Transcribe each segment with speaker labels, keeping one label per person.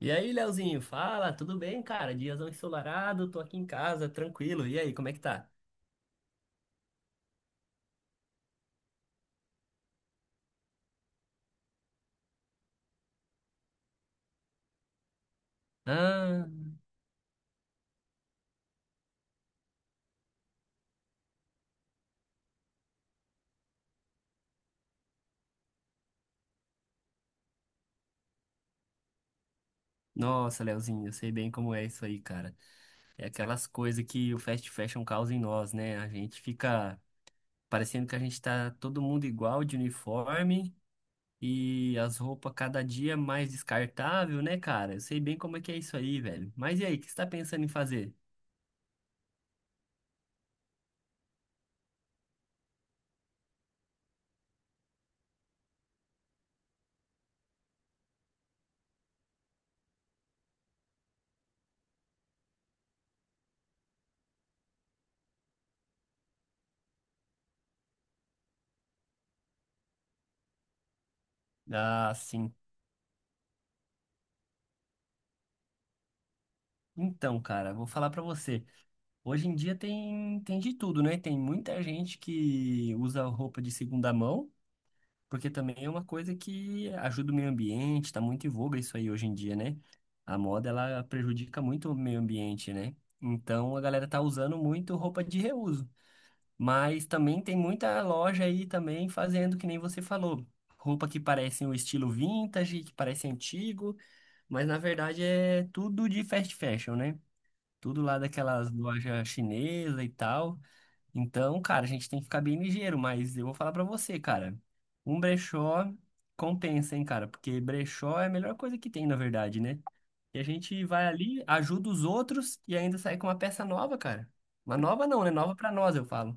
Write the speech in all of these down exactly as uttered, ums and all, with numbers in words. Speaker 1: E aí, Leozinho, fala, tudo bem, cara? Diazão ensolarado, tô aqui em casa, tranquilo. E aí, como é que tá? Ah, nossa, Leozinho, eu sei bem como é isso aí, cara. É aquelas coisas que o fast fashion causa em nós, né? A gente fica parecendo que a gente tá todo mundo igual de uniforme e as roupas cada dia mais descartável, né, cara? Eu sei bem como é que é isso aí, velho. Mas e aí, o que você tá pensando em fazer? Ah, sim. Então, cara, vou falar pra você. Hoje em dia tem, tem de tudo, né? Tem muita gente que usa roupa de segunda mão, porque também é uma coisa que ajuda o meio ambiente, tá muito em voga isso aí hoje em dia, né? A moda, ela prejudica muito o meio ambiente, né? Então a galera tá usando muito roupa de reuso. Mas também tem muita loja aí também fazendo, que nem você falou, roupa que parece um estilo vintage, que parece antigo, mas na verdade é tudo de fast fashion, né? Tudo lá daquelas lojas chinesas e tal. Então, cara, a gente tem que ficar bem ligeiro, mas eu vou falar pra você, cara. Um brechó compensa, hein, cara? Porque brechó é a melhor coisa que tem, na verdade, né? E a gente vai ali, ajuda os outros e ainda sai com uma peça nova, cara. Uma nova não, né? Nova pra nós, eu falo.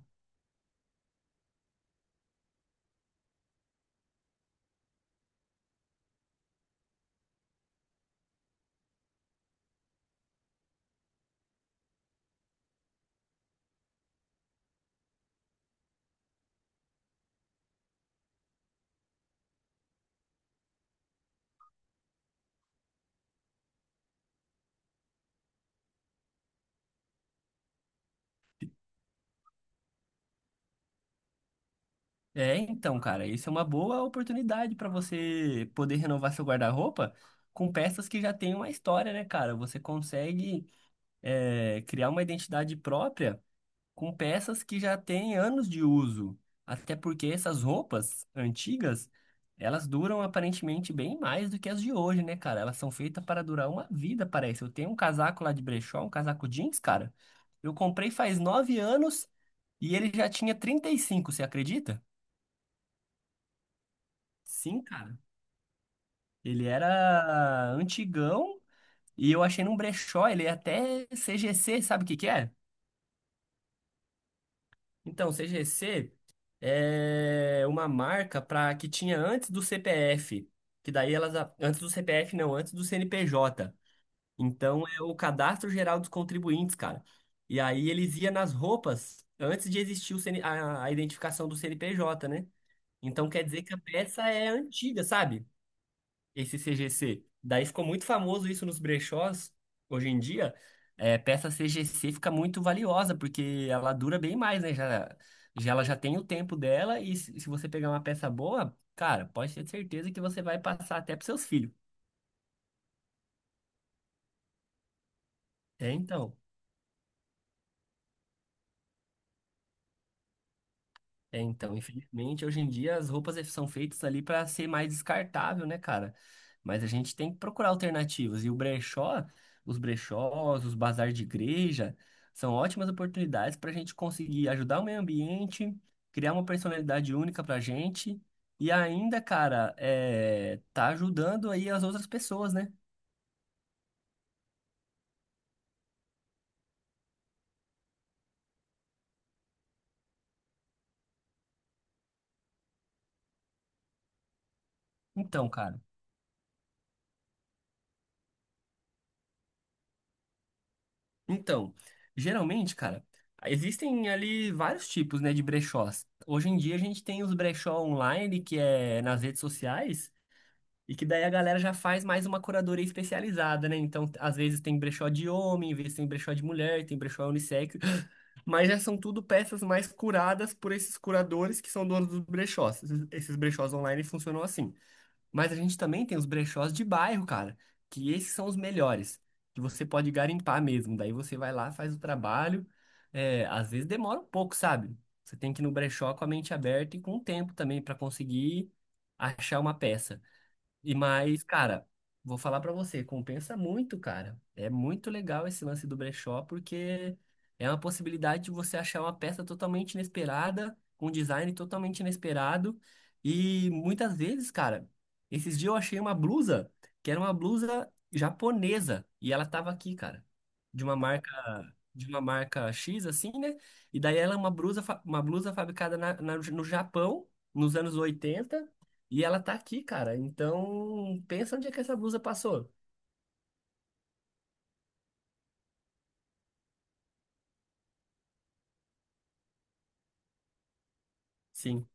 Speaker 1: É, então, cara, isso é uma boa oportunidade pra você poder renovar seu guarda-roupa com peças que já têm uma história, né, cara? Você consegue, é, criar uma identidade própria com peças que já têm anos de uso. Até porque essas roupas antigas, elas duram aparentemente bem mais do que as de hoje, né, cara? Elas são feitas para durar uma vida, parece. Eu tenho um casaco lá de brechó, um casaco jeans, cara. Eu comprei faz nove anos e ele já tinha trinta e cinco, você acredita? Sim, cara. Ele era antigão e eu achei num brechó, ele é até C G C, sabe o que que é? Então, C G C é uma marca para que tinha antes do C P F, que daí elas a- antes do C P F não, antes do C N P J. Então é o Cadastro Geral dos Contribuintes, cara. E aí eles iam nas roupas antes de existir o CN a, a identificação do C N P J, né? Então quer dizer que a peça é antiga, sabe? Esse C G C. Daí ficou muito famoso isso nos brechós. Hoje em dia, é, peça C G C fica muito valiosa, porque ela dura bem mais, né? Já, já ela já tem o tempo dela, e se, se você pegar uma peça boa, cara, pode ter certeza que você vai passar até pros seus filhos. É, então. É, então, infelizmente, hoje em dia as roupas é, são feitas ali para ser mais descartável, né, cara? Mas a gente tem que procurar alternativas. E o brechó, os brechós, os bazar de igreja, são ótimas oportunidades para a gente conseguir ajudar o meio ambiente, criar uma personalidade única para a gente e ainda, cara, é, tá ajudando aí as outras pessoas, né? Então, cara. Então, geralmente, cara, existem ali vários tipos, né, de brechós. Hoje em dia a gente tem os brechó online, que é nas redes sociais, e que daí a galera já faz mais uma curadoria especializada, né? Então, às vezes tem brechó de homem, às vezes tem brechó de mulher, tem brechó unissex, mas já são tudo peças mais curadas por esses curadores que são donos dos brechós. Esses esses brechós online funcionam assim. Mas a gente também tem os brechós de bairro, cara, que esses são os melhores, que você pode garimpar mesmo. Daí você vai lá, faz o trabalho. É, às vezes demora um pouco, sabe? Você tem que ir no brechó com a mente aberta e com o tempo também para conseguir achar uma peça. E mais, cara, vou falar pra você, compensa muito, cara. É muito legal esse lance do brechó, porque é uma possibilidade de você achar uma peça totalmente inesperada, com um design totalmente inesperado. E muitas vezes, cara, esses dias eu achei uma blusa, que era uma blusa japonesa, e ela tava aqui, cara, de uma marca, de uma marca, X, assim, né? E daí ela é uma blusa, fa- uma blusa fabricada na, na- no Japão, nos anos oitenta, e ela tá aqui, cara. Então, pensa onde é que essa blusa passou. Sim.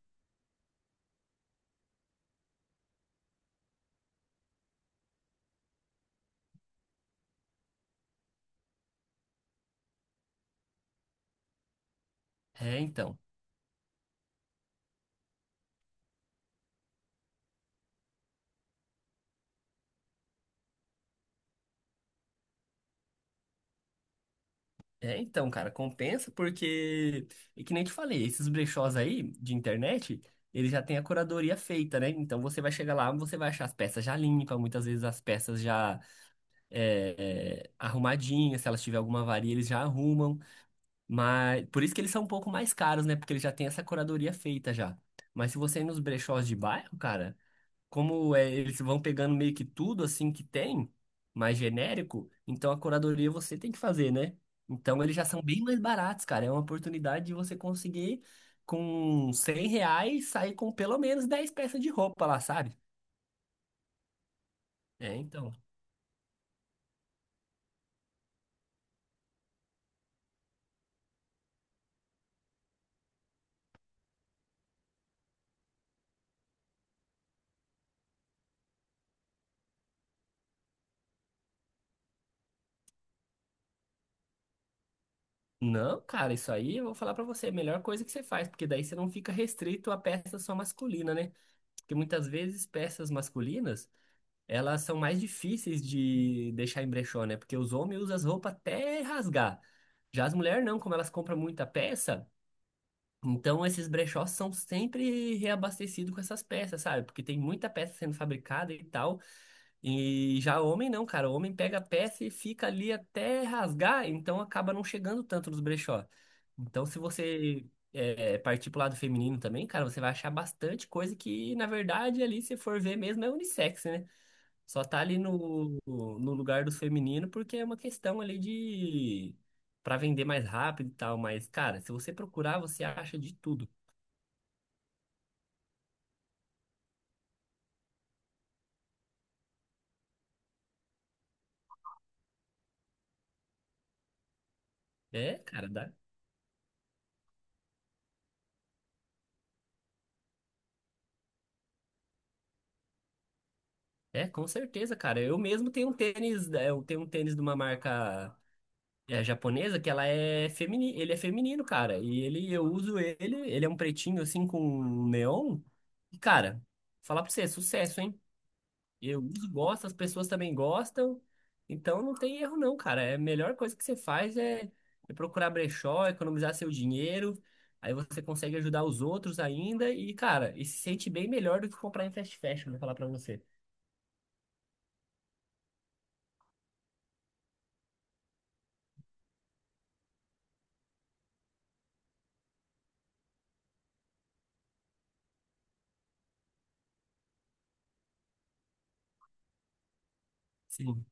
Speaker 1: É, então. É, então, cara, compensa porque, é que nem eu te falei, esses brechós aí de internet, eles já têm a curadoria feita, né? Então você vai chegar lá, você vai achar as peças já limpas, muitas vezes as peças já é, é, arrumadinhas, se elas tiver alguma avaria, eles já arrumam. Mas por isso que eles são um pouco mais caros, né? Porque eles já têm essa curadoria feita já. Mas se você ir nos brechós de bairro, cara. Como é, eles vão pegando meio que tudo assim que tem, mais genérico, então a curadoria você tem que fazer, né? Então eles já são bem mais baratos, cara. É uma oportunidade de você conseguir com cem reais sair com pelo menos dez peças de roupa lá, sabe? É, então. Não, cara, isso aí eu vou falar pra você, é a melhor coisa que você faz, porque daí você não fica restrito a peça só masculina, né? Porque muitas vezes peças masculinas elas são mais difíceis de deixar em brechó, né? Porque os homens usam as roupas até rasgar. Já as mulheres não, como elas compram muita peça, então esses brechós são sempre reabastecidos com essas peças, sabe? Porque tem muita peça sendo fabricada e tal. E já o homem não, cara. O homem pega a peça e fica ali até rasgar, então acaba não chegando tanto nos brechó. Então, se você é, partir pro lado feminino também, cara, você vai achar bastante coisa que, na verdade, ali, se for ver mesmo, é unissex, né? Só tá ali no, no lugar do feminino porque é uma questão ali de para vender mais rápido e tal, mas cara, se você procurar, você acha de tudo. É, cara, dá. É, com certeza, cara. Eu mesmo tenho um tênis, é, eu tenho um tênis de uma marca é, japonesa que ela é feminino, ele é feminino, cara. E ele eu uso ele, ele é um pretinho assim com neon. E cara, falar pra você, é sucesso, hein? Eu uso, gosto, as pessoas também gostam. Então não tem erro não, cara. É a melhor coisa que você faz é, é procurar brechó, economizar seu dinheiro. Aí você consegue ajudar os outros ainda e, cara, e se sente bem melhor do que comprar em fast fashion, vou falar pra você. Sim.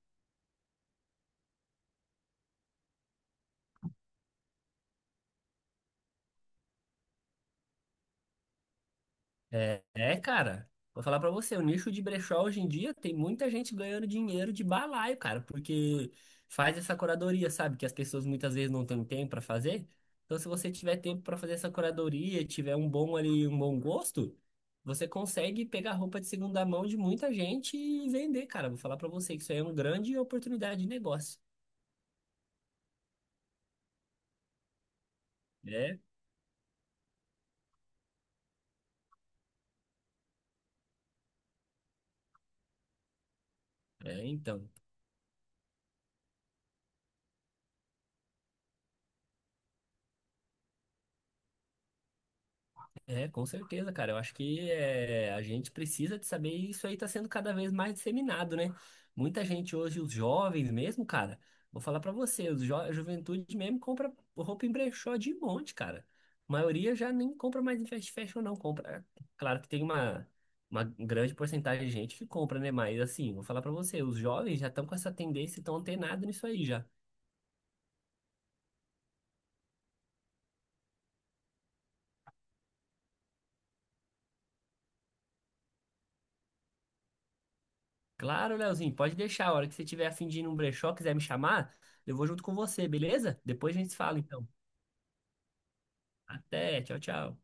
Speaker 1: É, é, cara. Vou falar pra você, o nicho de brechó hoje em dia tem muita gente ganhando dinheiro de balaio, cara, porque faz essa curadoria, sabe? Que as pessoas muitas vezes não têm tempo pra fazer. Então, se você tiver tempo pra fazer essa curadoria, tiver um bom ali, um bom gosto, você consegue pegar roupa de segunda mão de muita gente e vender, cara. Vou falar pra você que isso aí é uma grande oportunidade de negócio. É, é, então. É, com certeza, cara. Eu acho que é, a gente precisa de saber e isso aí está sendo cada vez mais disseminado, né? Muita gente hoje, os jovens mesmo, cara, vou falar pra você, os jo a juventude mesmo compra roupa em brechó de monte, cara. A maioria já nem compra mais em fast fashion, não. Compra. Claro que tem uma, uma grande porcentagem de gente que compra, né? Mas assim, vou falar pra você, os jovens já estão com essa tendência, estão antenados nisso aí já. Claro, Leozinho, pode deixar. A hora que você tiver a fim de ir num brechó, quiser me chamar, eu vou junto com você, beleza? Depois a gente se fala, então. Até, tchau, tchau.